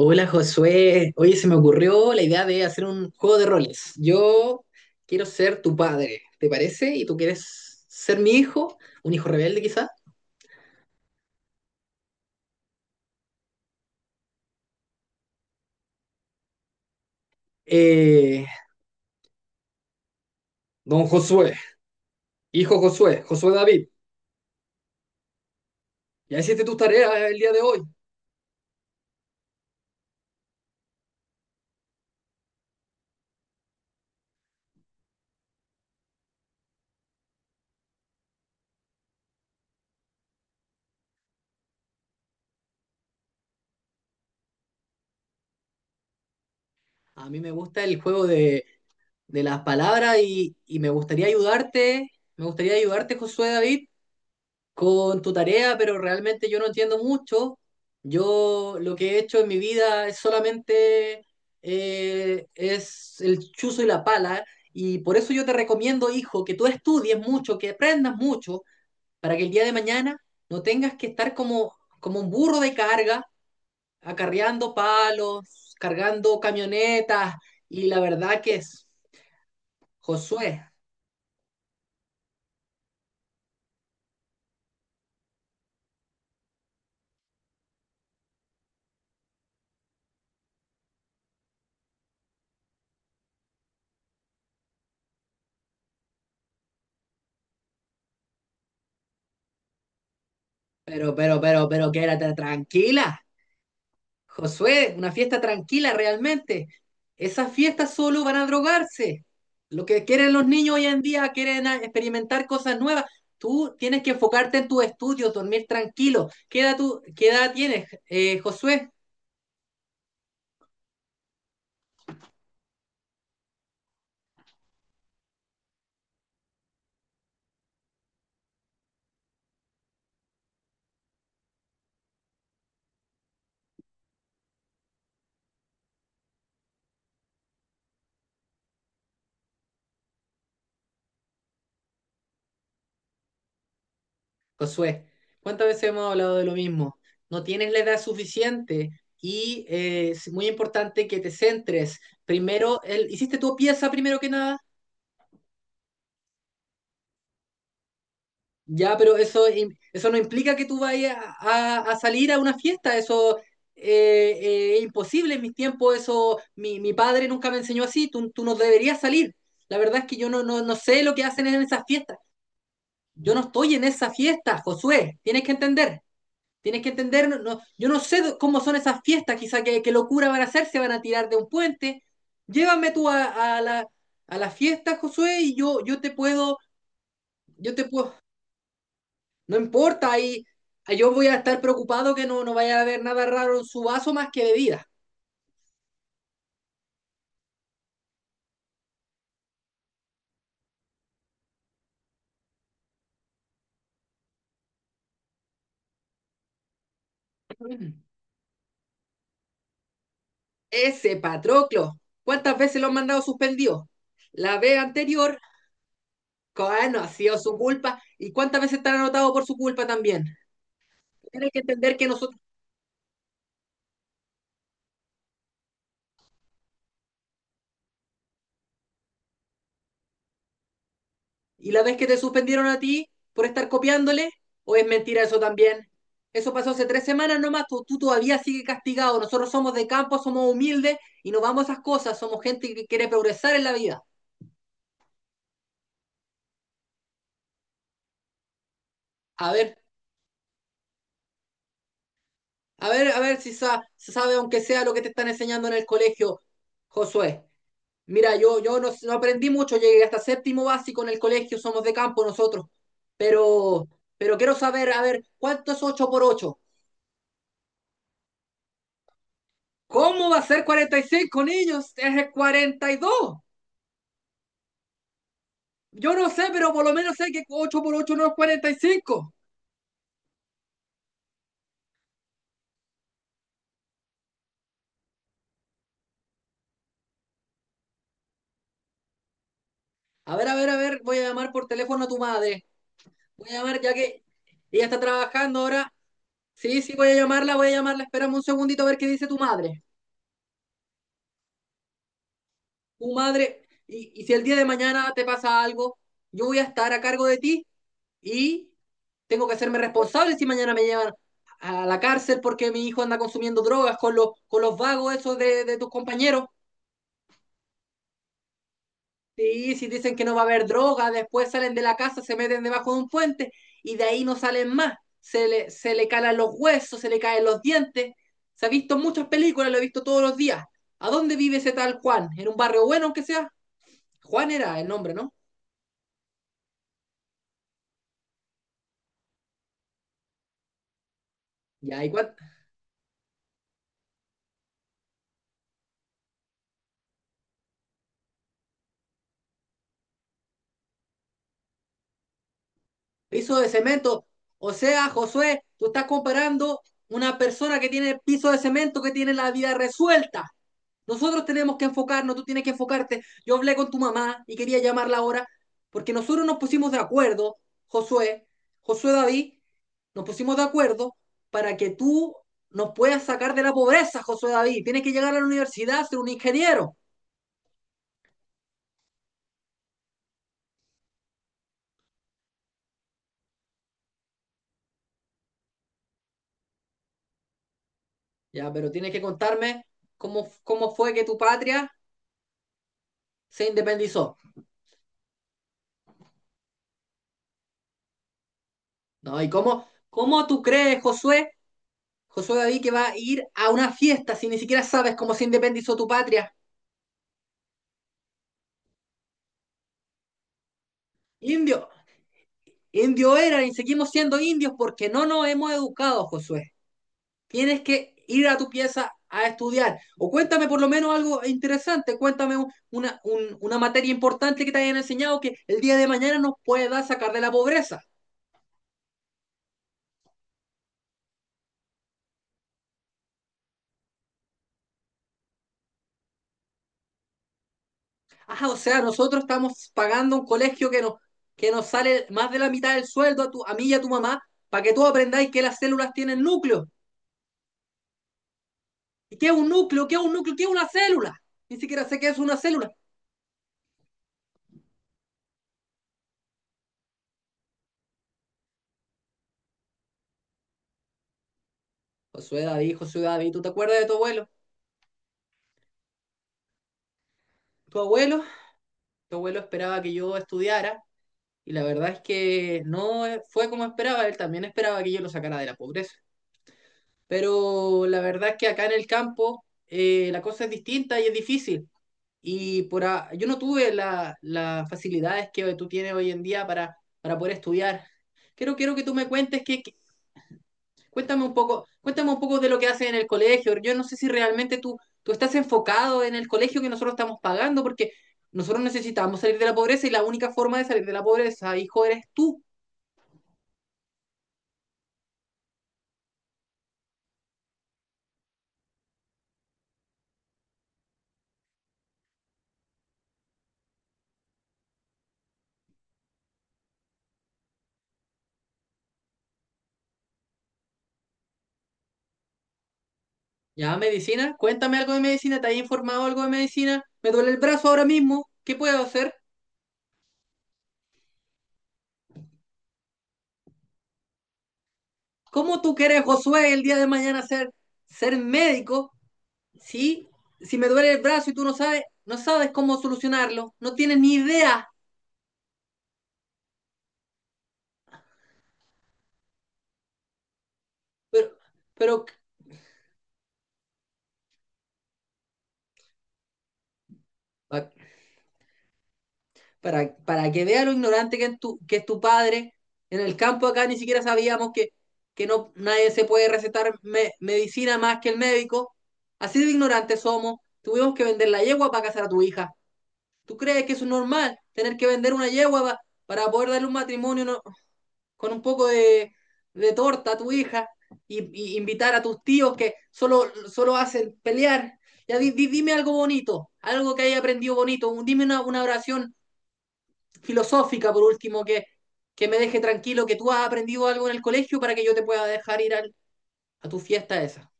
Hola Josué, oye, se me ocurrió la idea de hacer un juego de roles. Yo quiero ser tu padre, ¿te parece? Y tú quieres ser mi hijo, un hijo rebelde quizá. Eh, don Josué, hijo Josué, Josué David, ya hiciste tus tareas el día de hoy. A mí me gusta el juego de las palabras y me gustaría ayudarte Josué David con tu tarea, pero realmente yo no entiendo mucho. Yo lo que he hecho en mi vida es solamente es el chuzo y la pala, y por eso yo te recomiendo, hijo, que tú estudies mucho, que aprendas mucho, para que el día de mañana no tengas que estar como, como un burro de carga, acarreando palos, cargando camionetas, y la verdad que es, Josué, pero, quédate tranquila. Josué, una fiesta tranquila realmente. Esas fiestas solo van a drogarse. Lo que quieren los niños hoy en día, quieren experimentar cosas nuevas. Tú tienes que enfocarte en tus estudios, dormir tranquilo. ¿Qué edad tienes, Josué? Josué, ¿cuántas veces hemos hablado de lo mismo? No tienes la edad suficiente y es muy importante que te centres. Primero, hiciste tu pieza primero que nada. Ya, pero eso, eso no implica que tú vayas a salir a una fiesta, eso es imposible en mis tiempos, eso mi padre nunca me enseñó así, tú no deberías salir. La verdad es que yo no sé lo que hacen en esas fiestas. Yo no estoy en esa fiesta, Josué, tienes que entender, no, yo no sé cómo son esas fiestas, quizá qué locura van a hacer, se van a tirar de un puente. Llévame tú a, a la fiesta, Josué, y yo te puedo. No importa, ahí yo voy a estar preocupado que no, no vaya a haber nada raro en su vaso más que bebida. Ese Patroclo, ¿cuántas veces lo han mandado suspendido? La vez anterior, no ha sido su culpa. ¿Y cuántas veces te han anotado por su culpa también? Tienes que entender que nosotros... ¿Y la vez que te suspendieron a ti por estar copiándole? ¿O es mentira eso también? Eso pasó hace 3 semanas nomás, tú todavía sigues castigado. Nosotros somos de campo, somos humildes y no vamos a esas cosas. Somos gente que quiere progresar en la vida. A ver, a ver, a ver si se sabe, aunque sea lo que te están enseñando en el colegio, Josué. Mira, yo no aprendí mucho, llegué hasta séptimo básico en el colegio, somos de campo nosotros. Pero, pero, quiero saber, a ver, ¿cuánto es 8 por 8? ¿Cómo va a ser 45 niños? Es el 42. Yo no sé, pero por lo menos sé que 8 por 8 no es 45. A ver, a ver, a ver, voy a llamar por teléfono a tu madre. Voy a llamar ya que ella está trabajando ahora. Sí, sí, voy a llamarla, voy a llamarla. Espérame un segundito a ver qué dice tu madre. Tu madre, y si el día de mañana te pasa algo, yo voy a estar a cargo de ti y tengo que hacerme responsable si mañana me llevan a la cárcel porque mi hijo anda consumiendo drogas con con los vagos esos de tus compañeros. Sí, si dicen que no va a haber droga, después salen de la casa, se meten debajo de un puente y de ahí no salen más. Se le calan los huesos, se le caen los dientes. Se ha visto en muchas películas, lo he visto todos los días. ¿A dónde vive ese tal Juan? ¿En un barrio bueno, aunque sea? Juan era el nombre, ¿no? Ya, igual. Piso de cemento. O sea, Josué, tú, estás comparando una persona que tiene piso de cemento que tiene la vida resuelta. Nosotros tenemos que enfocarnos, tú tienes que enfocarte. Yo hablé con tu mamá y quería llamarla ahora porque nosotros nos pusimos de acuerdo, Josué, Josué David, nos pusimos de acuerdo para que tú nos puedas sacar de la pobreza, Josué David. Tienes que llegar a la universidad, ser un ingeniero. Ya, pero tienes que contarme cómo, cómo, fue que tu patria se independizó. ¿No? ¿Y cómo tú crees, Josué, Josué David, que va a ir a una fiesta si ni siquiera sabes cómo se independizó tu patria? Indio, Indio era y seguimos siendo indios porque no nos hemos educado, Josué. Tienes que ir a tu pieza a estudiar. O cuéntame por lo menos algo interesante, cuéntame una materia importante que te hayan enseñado que el día de mañana nos pueda sacar de la pobreza. Ah, o sea, nosotros estamos pagando un colegio que nos sale más de la mitad del sueldo a mí y a tu mamá para que tú aprendáis que las células tienen núcleo. ¿Y qué es un núcleo? ¿Qué es un núcleo? ¿Qué es una célula? Ni siquiera sé qué es una célula. Josué David, Josué David, ¿tú te acuerdas de tu abuelo? Tu abuelo, tu abuelo esperaba que yo estudiara y la verdad es que no fue como esperaba, él también esperaba que yo lo sacara de la pobreza. Pero la verdad es que acá en el campo la cosa es distinta y es difícil. Y por yo no tuve las facilidades que tú tienes hoy en día para, poder estudiar. Quiero, que tú me cuentes qué, cuéntame un poco, cuéntame un poco de lo que haces en el colegio. Yo no sé si realmente tú estás enfocado en el colegio que nosotros estamos pagando, porque nosotros necesitamos salir de la pobreza y la única forma de salir de la pobreza, hijo, eres tú. Ya, medicina, cuéntame algo de medicina, ¿te has informado algo de medicina? Me duele el brazo ahora mismo, ¿qué puedo hacer? ¿Cómo tú quieres, Josué, el día de mañana ser, ser médico, Sí, si me duele el brazo y tú no sabes, no sabes cómo solucionarlo? No tienes ni idea, pero, pero para que vea lo ignorante que es tu padre. En el campo acá ni siquiera sabíamos que no, nadie se puede recetar medicina más que el médico. Así de ignorantes somos. Tuvimos que vender la yegua para casar a tu hija. ¿Tú crees que eso es normal? Tener que vender una yegua para poder darle un matrimonio con un poco de torta a tu hija y, y invitar a tus tíos que solo, solo hacen pelear. Ya dime algo bonito, algo que haya aprendido bonito. Dime una oración filosófica, por último, que me deje tranquilo, que tú has aprendido algo en el colegio para que yo te pueda dejar ir a tu fiesta esa.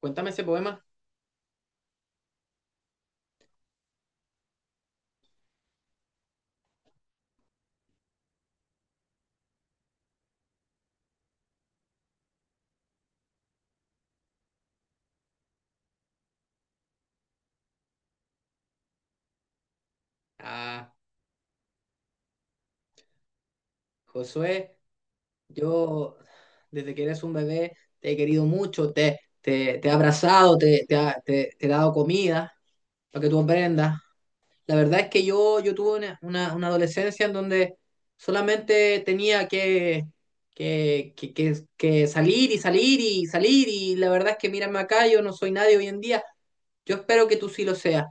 Cuéntame ese poema. Ah, Josué, yo desde que eres un bebé te he querido mucho, te he abrazado, te he dado comida para que tú aprendas. La verdad es que yo tuve una adolescencia en donde solamente tenía que salir y salir y salir y la verdad es que mírame acá, yo no soy nadie hoy en día. Yo espero que tú sí lo seas.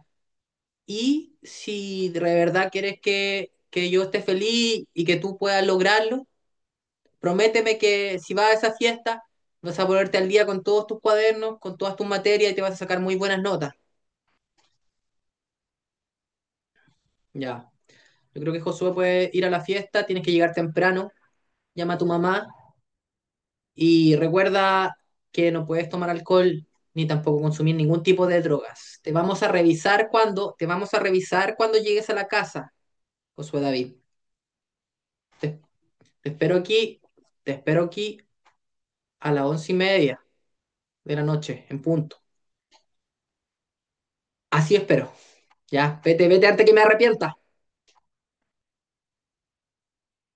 Y si de verdad quieres que, yo esté feliz y que tú puedas lograrlo, prométeme que si vas a esa fiesta vas a ponerte al día con todos tus cuadernos, con todas tus materias y te vas a sacar muy buenas notas. Ya. Yo creo que Josué puede ir a la fiesta, tienes que llegar temprano, llama a tu mamá y recuerda que no puedes tomar alcohol ni tampoco consumir ningún tipo de drogas. Te vamos a revisar cuando llegues a la casa, Josué David. Te, te, espero aquí a las 11:30 de la noche, en punto. Así espero. Ya, vete, vete antes que me arrepienta.